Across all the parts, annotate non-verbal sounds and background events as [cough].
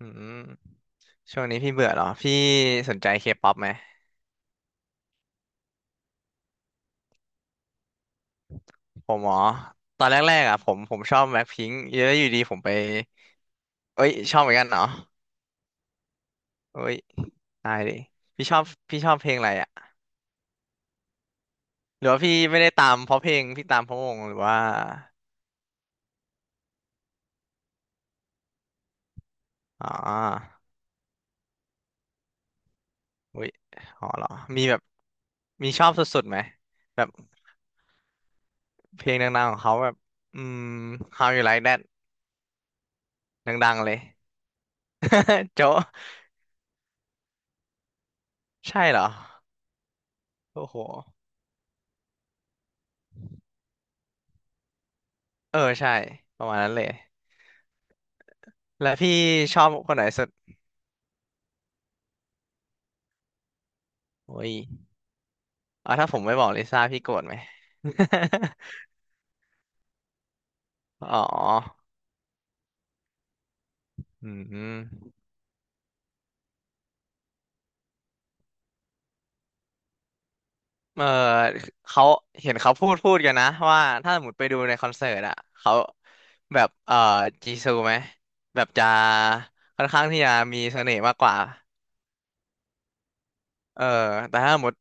อืมช่วงนี้พี่เบื่อเหรอ พี่สนใจเคป๊อปไหม ผมอ๋อตอนแรกๆอ่ะผมชอบแบล็คพิงค์เยอะอยู่ดีผมไปเอ้ยชอบเหมือนกันเหรอเอ้ยตายดิพี่ชอบพี่ชอบเพลงอะไรอ่ะ หรือว่าพี่ไม่ได้ตามเพราะเพลงพี่ตามเพราะวงหรือว่า อ๋อเอ้ยอ๋อเหรอ มีแบบมีชอบสุดๆไหม แบบเพลงดังๆของเขาแบบ อืม How You Like That ดังๆเลย [laughs] โจ๊ะใช่เหรอโอ้โหเออใช่ประมาณนั้นเลย แล้วพี่ชอบคนไหนสุดโอ้ยอ๋อถ้าผมไม่บอกลิซ่าพี่โกรธไหม [laughs] อ๋ออืมเออเขาเห็นเขาพูดกันนะว่าถ้าสมมติไปดูในคอนเสิร์ตอะเขาแบบเออจีซูไหมแบบจะค่อนข้างที่จะมีเสน่ห์มากกว่าเออแต่ถ้าสมมติ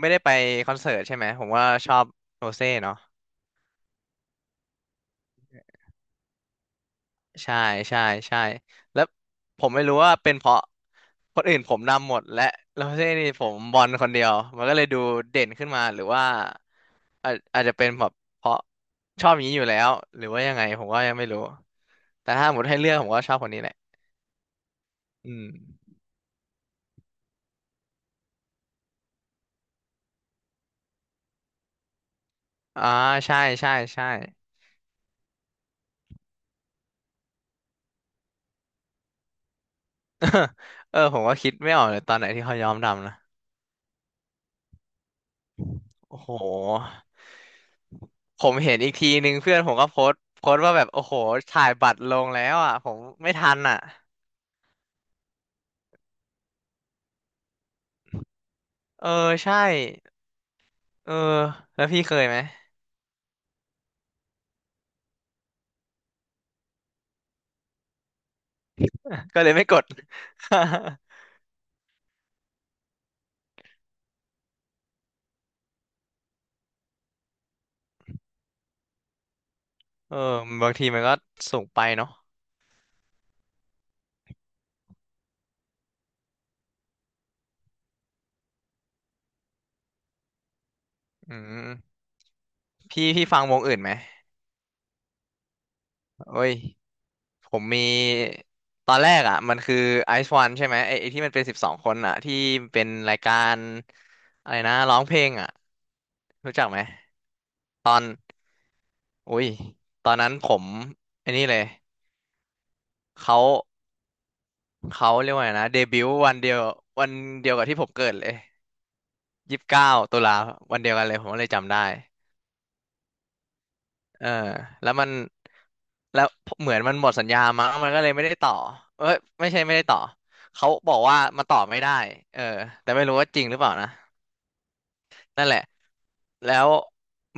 ไม่ได้ไปคอนเสิร์ตใช่ไหมผมว่าชอบโรเซ่เนาะ ใช่ใช่ใช่แล้วผมไม่รู้ว่าเป็นเพราะคนอื่นผมนำหมดและแล้วที่นี่ผมบอลคนเดียวมันก็เลยดูเด่นขึ้นมาหรือว่าอาจจะเป็นแบบเพราะชอบอย่างนี้อยู่แล้วหรือว่ายังไงผมก็ยังไม่รู้แต่ถ้าหมดให้เลือกผมก็ชอบคนนี้แหละอืมอ่าใช่ใช่ใช่ [laughs] เออผมก็คิดไม่ออกเลยตอนไหนที่เขายอมดำนะโอ้โหผมเห็นอีกทีนึงเพื่อนผมก็โพสต์ว่าแบบโอ้โหถ่ายบัตรลงแล้วอ่ะผมไม่ทันอ่ะ เออใช่เออแล้วพี่เคยไหม [laughs] ก็เลยไม่กด [laughs] เออบางทีมันก็สูงไปเนาะอืมพี่ฟังวงอื่นไหมโอ้ยผมมีตอนแรกอ่ะมันคือไอซ์วันใช่ไหมไอ้ที่มันเป็น12 คนอ่ะที่เป็นรายการอะไรนะร้องเพลงอ่ะรู้จักไหมตอนอุ้ยตอนนั้นผมไอ้นนี่เลยเขาเขาเรียกว่าไงนะเดบิวต์วันเดียววันเดียวกับที่ผมเกิดเลย 29ตุลาวันเดียวกันเลยผมก็เลยจำได้เออแล้วมันแล้วเหมือนมันหมดสัญญามั้งมันก็เลยไม่ได้ต่อเอ้ยไม่ใช่ไม่ได้ต่อเขาบอกว่ามันต่อไม่ได้เออแต่ไม่รู้ว่าจริงหรือเปล่านะนั่นแหละแล้ว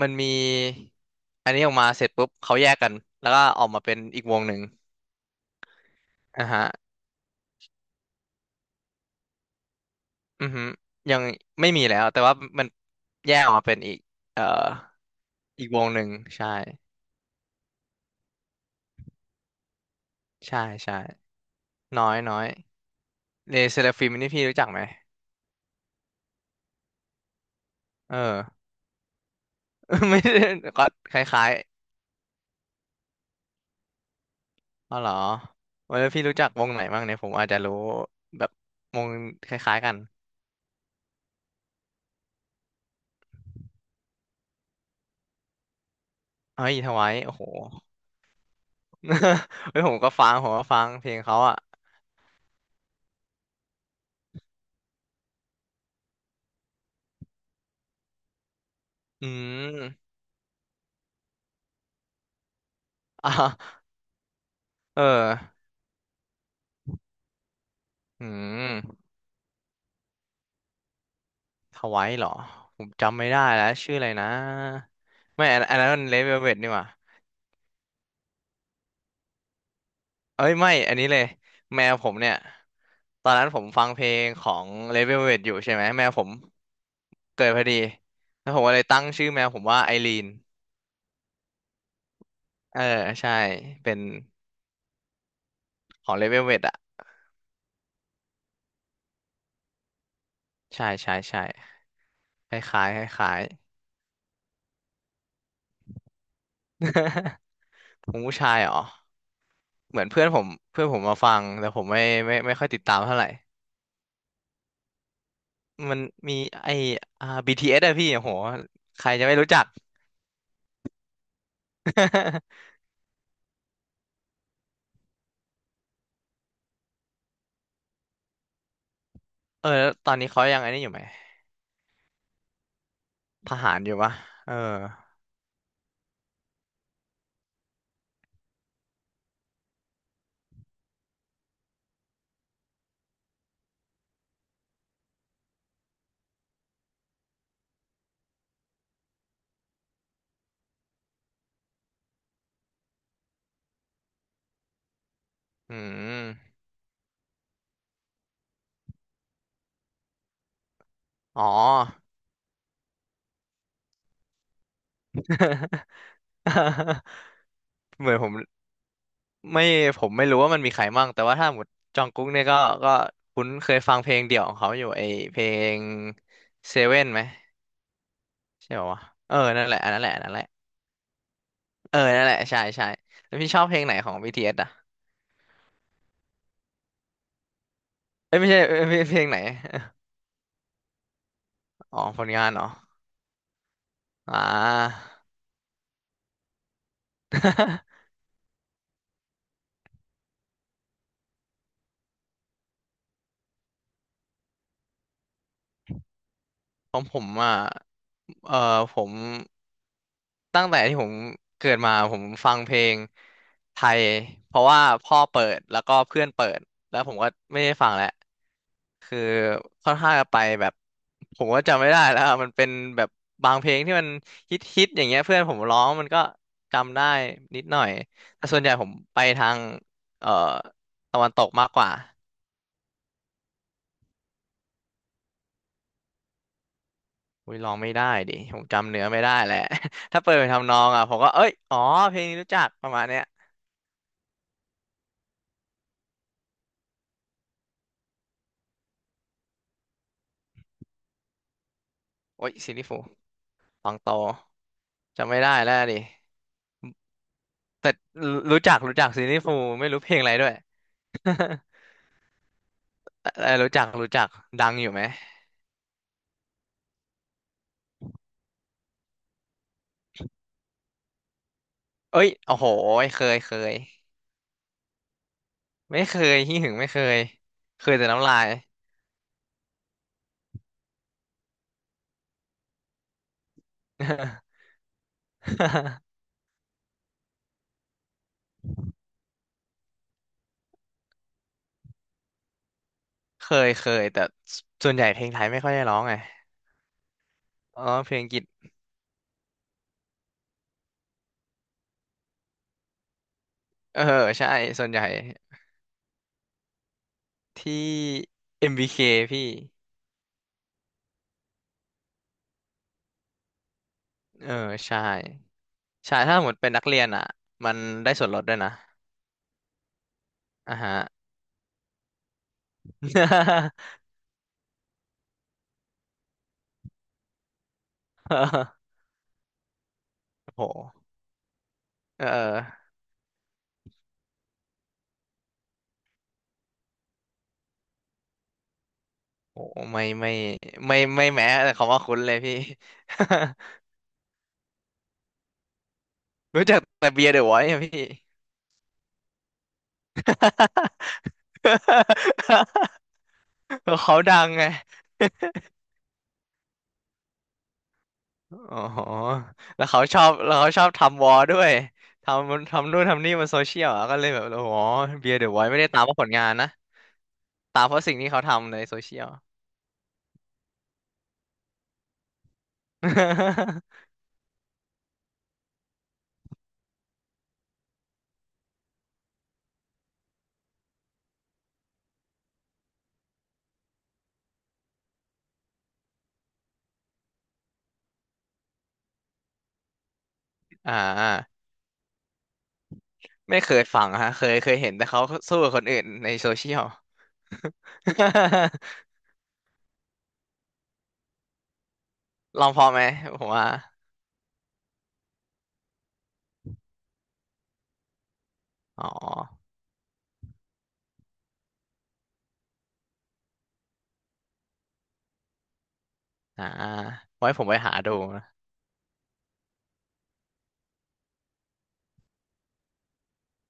มันมีอันนี้ออกมาเสร็จปุ๊บเขาแยกกันแล้วก็ออกมาเป็นอีกวงหนึ่งอ่ะฮะอือฮึยังไม่มีแล้วแต่ว่ามันแยกออกมาเป็นอีกเอ่ออีกวงหนึ่งใช่ใช่ใช่น้อยน้อย เลเซราฟิมนี่พี่รู้จักไหมเออ [laughs] ไม่ได้ก็คล้ายๆอ๋อเหรอแล้วพี่รู้จักวงไหนบ้างเนี่ยผมอาจจะรู้แบบวงคล้ายๆกันเฮ้ยทวายโอ้โห [laughs] เฮ้ยผมก็ฟังเพลงเขาอ่ะอืม [laughs] อ่ะเอออืมทวายเหรอผมจำไม่ได้แล้วชื่ออะไรนะไม่อันนั้นมันเลเวลเวทนี่หว่า เอ้ยไม่อันนี้เลยแมวผมเนี่ยตอนนั้นผมฟังเพลงของเลเวลเว t อยู่ใช่ไหมแมวผมเกิดพอดีแล้วผมก็เลยตั้งชื่อแมวผมว่าไอรีนเออใช่เป็นของเลเวลเว t อ่ะใช่ใช่ใช่คล้ายๆคล้ายๆ [laughs] ผมผู้ชายเหรอเหมือนเพื่อนผมมาฟังแต่ผมไม่ไม่ค่อยติดตามเท่าไหร่มันมีไอBTS อสอะพี่โอ้โหใครจะไม่รู้จัก [laughs] เออแล้วตอนนี้เขายังอันนี้อยู่ไหม ทหารอยู่ปะเอออืมอ๋อ [laughs] เหมือนผมไม่ผมไม่รู้ว่ามันมีใครมั่งแต่ว่าถ้าหมดจองกุ๊กเนี่ยก็คุ้นเคยฟังเพลงเดี่ยวของเขาอยู่ไอเพลงเซเว่นไหมใช่ปะวะเออนั่นแหละอันนั่นแหละเออนั่นแหละ ใช่ใช่แล้วพี่ชอบเพลงไหนของ BTS อสอ่ะเอ้ยไม่ใช่เอ้ยเพลงไหนอ๋อผลงานเหรออ่า [laughs] ของผมอ่ะเออผม ตั้งแต่ที่ผมเกิดมาผมฟังเพลงไทยเพราะว่าพ่อเปิดแล้วก็เพื่อนเปิดแล้วผมก็ไม่ได้ฟังแล้วคือค่อนข้างจะไปแบบผมก็จำไม่ได้แล้วอะมันเป็นแบบบางเพลงที่มันฮิตอย่างเงี้ยเพื่อนผมร้องมันก็จำได้นิดหน่อยแต่ส่วนใหญ่ผมไปทางเอ่อตะวันตกมากกว่าอุ้ยร้องไม่ได้ดิผมจำเนื้อไม่ได้แหละ [laughs] ถ้าเปิดไปทำนองอ่ะผมก็เอ้ยอ๋อเพลงนี้รู้จักประมาณเนี้ยโอ้ยซีลี่ฟู ตองโตจำไม่ได้แล้วดิแต่รู้รู้จักซีรีส์ฟูไม่รู้เพลงอะไรด้วย [laughs] เออรู้จักดังอยู่ไหมเอ้ยโอ้โหเคยเคยไม่เคยขี้หึงไม่เคยเคยแต่น้ำลาย [laughs] เคยเคยแต่ส่วนใหญ่เพลงไทยไม่ค่อยได้ร้องไงอ๋อเพลงอังกฤษเออใช่ส่วนใหญ่ที่ MBK พี่เออใช่ใช่ถ้าหมดเป็นนักเรียนอ่ะมันได้ส่วนลดด้วยนะอ่าฮะ [laughs] โหเออเออโหไม่ไม่แม้แต่คำว่าคุ้นเลยพี่ [laughs] รู้จักแต่เบียร์เดอะวอยซ์อะพี่ [laughs] เขาดังไง [laughs] อ๋อแล้วเขาชอบทำวอลด้วยทำนู่นทำนี่บนโซเชียลอะก็เลยแบบอ๋อเบียร์เดอะไวอยซ์ไม่ได้ตามเพราะผลงานนะตามเพราะสิ่งที่เขาทำในโซเชียล [laughs] อ่าไม่เคยฟังฮะเคยเคยเห็นแต่เขาสู้กับคนอื่นในโซเชียล [laughs] ลองพอไหมผมว่าอ๋ออ่าไว้ผมไปหาดูนะ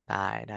ได้ได้